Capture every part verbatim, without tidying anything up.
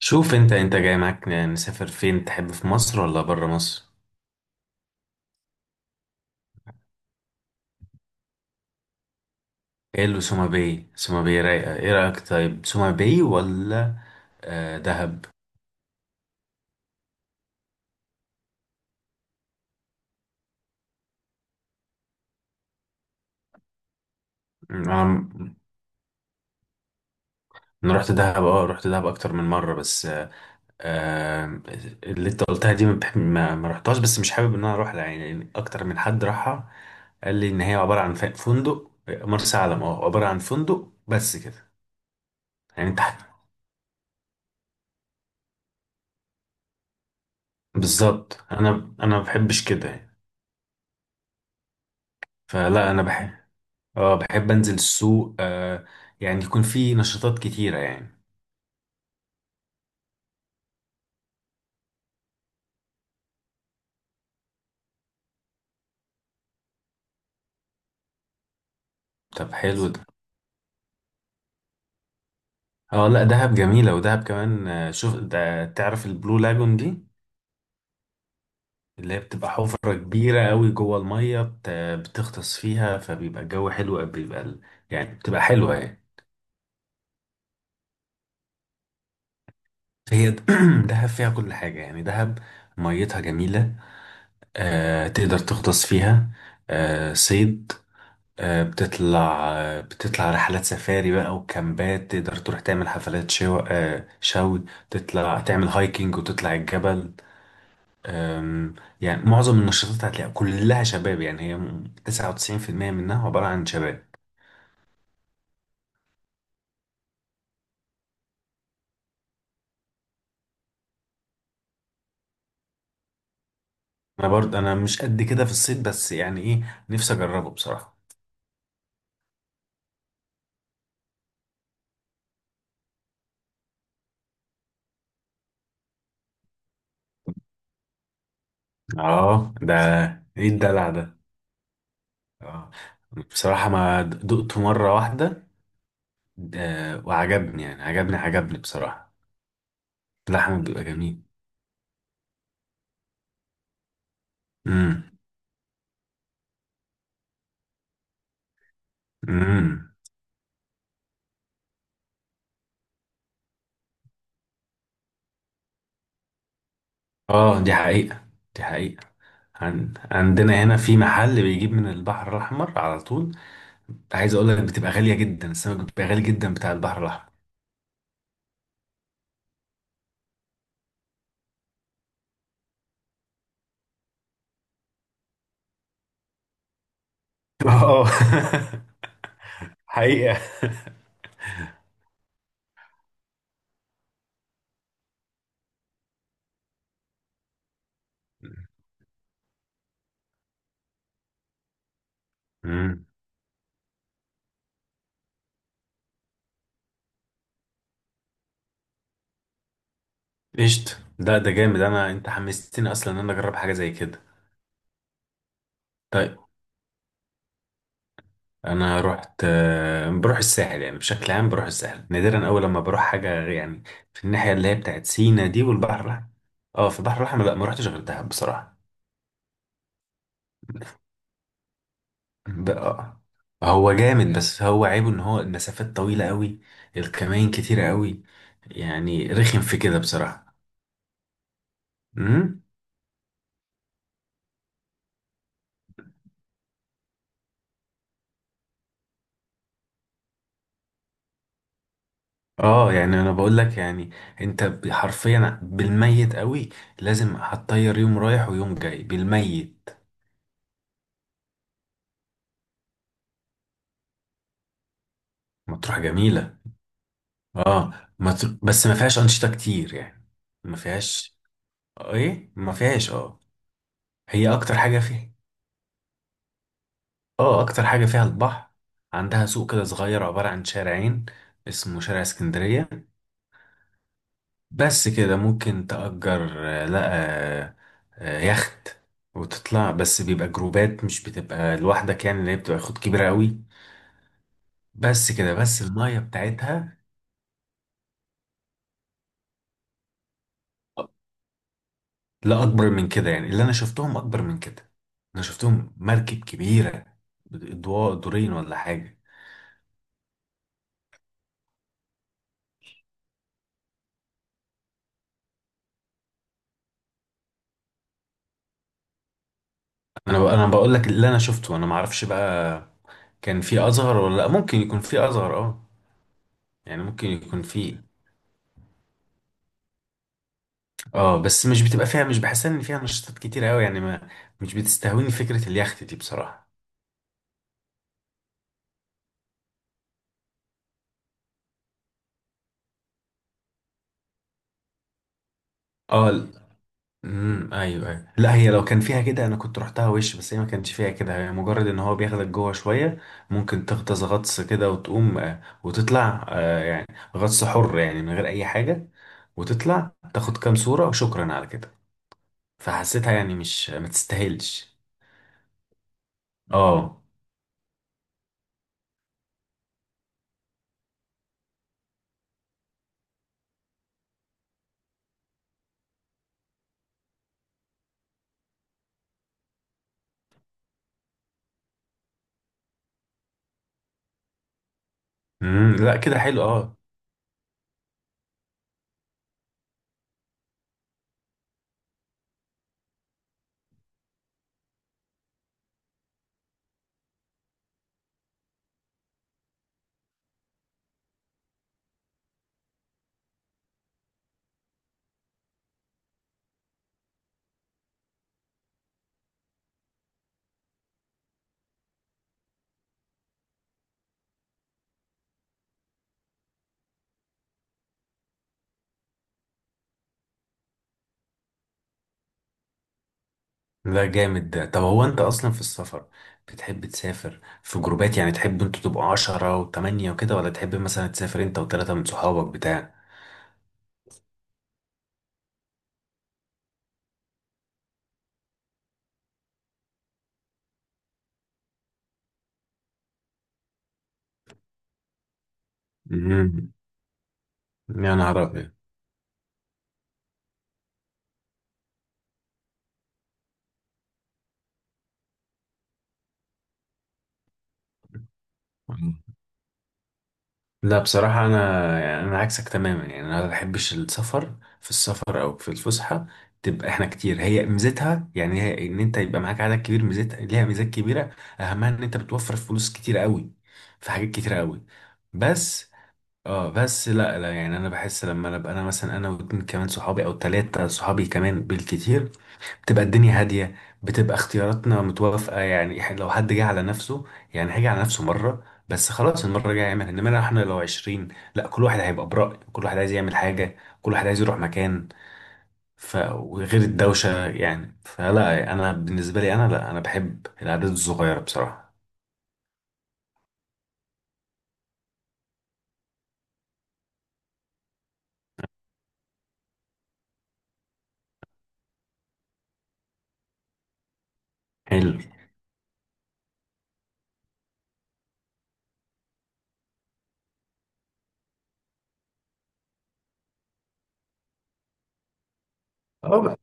شوف، انت انت جاي معاك نسافر فين تحب؟ في مصر ولا بره مصر؟ ايه اللي سوما باي؟ سوما باي رايقه، ايه رايك؟ طيب سوما باي ولا آه دهب. انا انا رحت دهب، اه رحت دهب اكتر من مره. بس آه اللي انت قلتها دي ما, بح- ما ما رحتهاش، بس مش حابب ان انا اروح لها يعني اكتر من حد راحها. قال لي ان هي عباره عن ف- فندق. مرسى علم اه عباره عن فندق بس كده. يعني انت بالظبط. انا انا ما بحبش كده يعني. فلا انا بحب، اه بحب انزل السوق. آه يعني يكون في نشاطات كتيرة يعني. طب حلو ده. اه لا دهب جميلة، ودهب كمان آه، شوف ده، تعرف البلو لاجون دي؟ اللي هي بتبقى حفرة كبيرة قوي جوه المية، بت- بتغطس فيها، فبيبقى الجو حلو، بيبقى ال- يعني بتبقى حلوة يعني. هي د- دهب فيها كل حاجة يعني. دهب ميتها جميلة، آه تقدر تغطس فيها، آه صيد، آه بتطلع، آه بتطلع رحلات سفاري بقى وكامبات، تقدر تروح تعمل حفلات شو... آه، شوي تطلع تعمل هايكنج وتطلع الجبل. آم، يعني معظم النشاطات هتلاقيها كلها شباب. يعني هي م- تسعة وتسعين بالمية منها عبارة عن شباب. انا برضه انا مش قد كده في الصيد، بس يعني ايه، نفسي اجربه بصراحة. اه ده ايه الدلع ده؟ اه بصراحة ما دقته مرة واحدة، آه، وعجبني يعني، عجبني عجبني بصراحة. اللحم بيبقى جميل. مم. امم. اه دي حقيقة، دي حقيقة. عن... عندنا هنا في محل بيجيب من البحر الأحمر على طول، عايز أقول لك بتبقى غالية جدا، السمك بيبقى غالي جدا بتاع البحر الأحمر. اه حقيقة. امم. قشطة. ده ده جامد، أنا أنت حمستني أصلا إن أنا أجرب حاجة زي كده. طيب أنا رحت، آه، بروح الساحل يعني بشكل عام، بروح الساحل نادرا. أول لما بروح حاجة غير- يعني في الناحية اللي هي بتاعت سينا دي والبحر الأحمر. اه في البحر الأحمر لا ما رحتش غير دهب بصراحة. ده هو جامد، بس هو عيبه ان هو المسافات طويلة قوي، الكمائن كتيرة قوي، يعني رخم في كده بصراحة. امم. اه يعني انا بقول لك يعني، انت ب- حرفيا بالميت قوي، لازم هتطير يوم رايح ويوم جاي بالميت. مطروح جميلة. اه مطر... بس ما فيهاش أنشطة كتير يعني. ما فيهاش. ايه ما فيهاش اه. هي اكتر حاجة فيها، اه اكتر حاجة فيها البحر. عندها سوق كده صغير عبارة عن شارعين، اسمه شارع اسكندرية. بس كده. ممكن تأجر آه، لا آه، آه، يخت وتطلع. بس بيبقى جروبات، مش بتبقى لوحدك يعني، اللي هي بتبقى خد كبيرة قوي. بس كده، بس المية بتاعتها. لا اكبر من كده، يعني اللي انا شفتهم اكبر من كده. انا شفتهم مركب كبيرة، اضواء، دورين ولا حاجة. انا بق- انا بقول لك اللي انا شفته، انا ما اعرفش بقى كان في اصغر ولا لا. ممكن يكون في اصغر اه. يعني ممكن يكون في. اه بس مش بتبقى فيها، مش بحسها ان فيها نشاطات كتير قوي يعني. ما مش بتستهويني فكرة اليخت دي بصراحة. اه ال- امم. ايوه ايوه. لا هي لو كان فيها كده انا كنت رحتها وش، بس هي ما كانش فيها كده. هي مجرد ان هو بياخدك جوه شوية، ممكن تغطس غطس كده وتقوم آه، وتطلع آه، غطس حر يعني من غير اي حاجة، وتطلع تاخد كام صورة وشكرا على كده. فحسيتها يعني مش، ما تستاهلش. اه امم. لا كده حلو اه. لا جامد ده. طب هو انت اصلا في السفر بتحب تسافر في جروبات، يعني تحب انتوا تبقوا عشرة وتمانية وكده، ولا تحب مثلا تسافر انت وتلاتة من صحابك بتاع؟ امم. يا نهار ابيض. مم. لا بصراحة أنا يعني أنا عكسك تماما. يعني أنا ما بحبش السفر، في السفر أو في الفسحة، تبقى إحنا كتير. هي ميزتها يعني، هي إن أنت يبقى معاك عدد كبير، ميزتها ليها ميزات كبيرة، أهمها إن أنت بتوفر فلوس كتير قوي في حاجات كتير قوي. بس اه، بس لا لا، يعني انا بحس لما انا ابقى، انا مثلا انا واتنين كمان صحابي او تلاتة صحابي كمان بالكتير، بتبقى الدنيا هادية، بتبقى اختياراتنا متوافقة. يعني إح- لو حد جه على نفسه، يعني هيجي على نفسه مرة، بس خلاص المرة الجاية يعمل. انما لو احنا لو عشرين، لا كل واحد هيبقى برأي، كل واحد عايز يعمل حاجة، كل واحد عايز يروح مكان. ف وغير الدوشة يعني. فلا انا بالنسبة لي انا، لا انا بحب الأعداد الصغيرة بصراحة. حلو اه.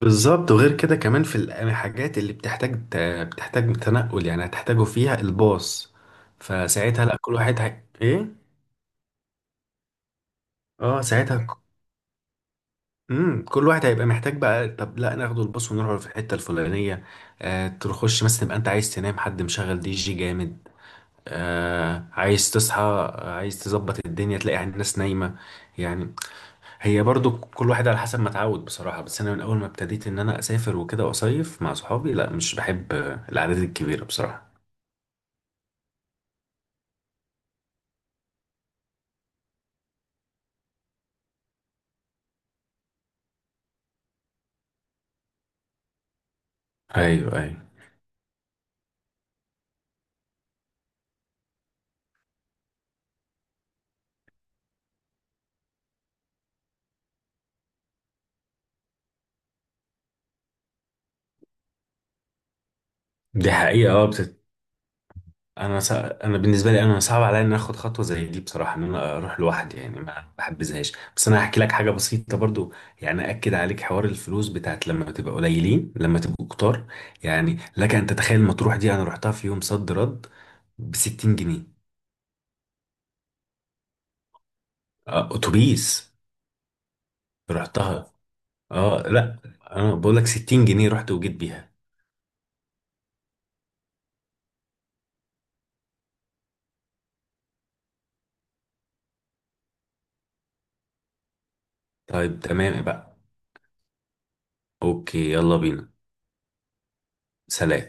بالظبط. وغير كده كمان في الأم- الحاجات اللي بتحتاج ت- بتحتاج تنقل، يعني هتحتاجوا فيها الباص. فساعتها لا كل واحد هي... ايه. اه ساعتها ك- مم. كل واحد هيبقى محتاج بقى، طب لا ناخده الباص ونروح في الحته الفلانيه، آه تخش مثلا تبقى انت عايز تنام، حد مشغل دي جي جامد، آه عايز تصحى آه، عايز تظبط الدنيا، تلاقي الناس نايمه. يعني هي برضو كل واحد على حسب ما اتعود بصراحة. بس أنا من أول ما ابتديت إن أنا أسافر وكده وأصيف مع صحابي، لا مش بحب الأعداد الكبيرة بصراحة. أيوه أيوه. دي حقيقة. أه بتت... أنا سا... أنا بالنسبة لي أنا صعب عليا إن أنا آخد خطوة زي دي بصراحة، إن أنا أروح لوحدي. يعني ما بحبذهاش. بس أنا هحكي لك حاجة بسيطة برضو، يعني أكد عليك حوار الفلوس بتاعت لما تبقى قليلين لما تبقوا كتار. يعني لك أن تتخيل مطروح دي أنا رحتها في يوم صد رد ب ستين جنيه. آه، أتوبيس. رحتها اه لا، انا بقول لك ستين جنيه رحت وجيت بيها. طيب تمام بقى. اوكي يلا بينا. سلام.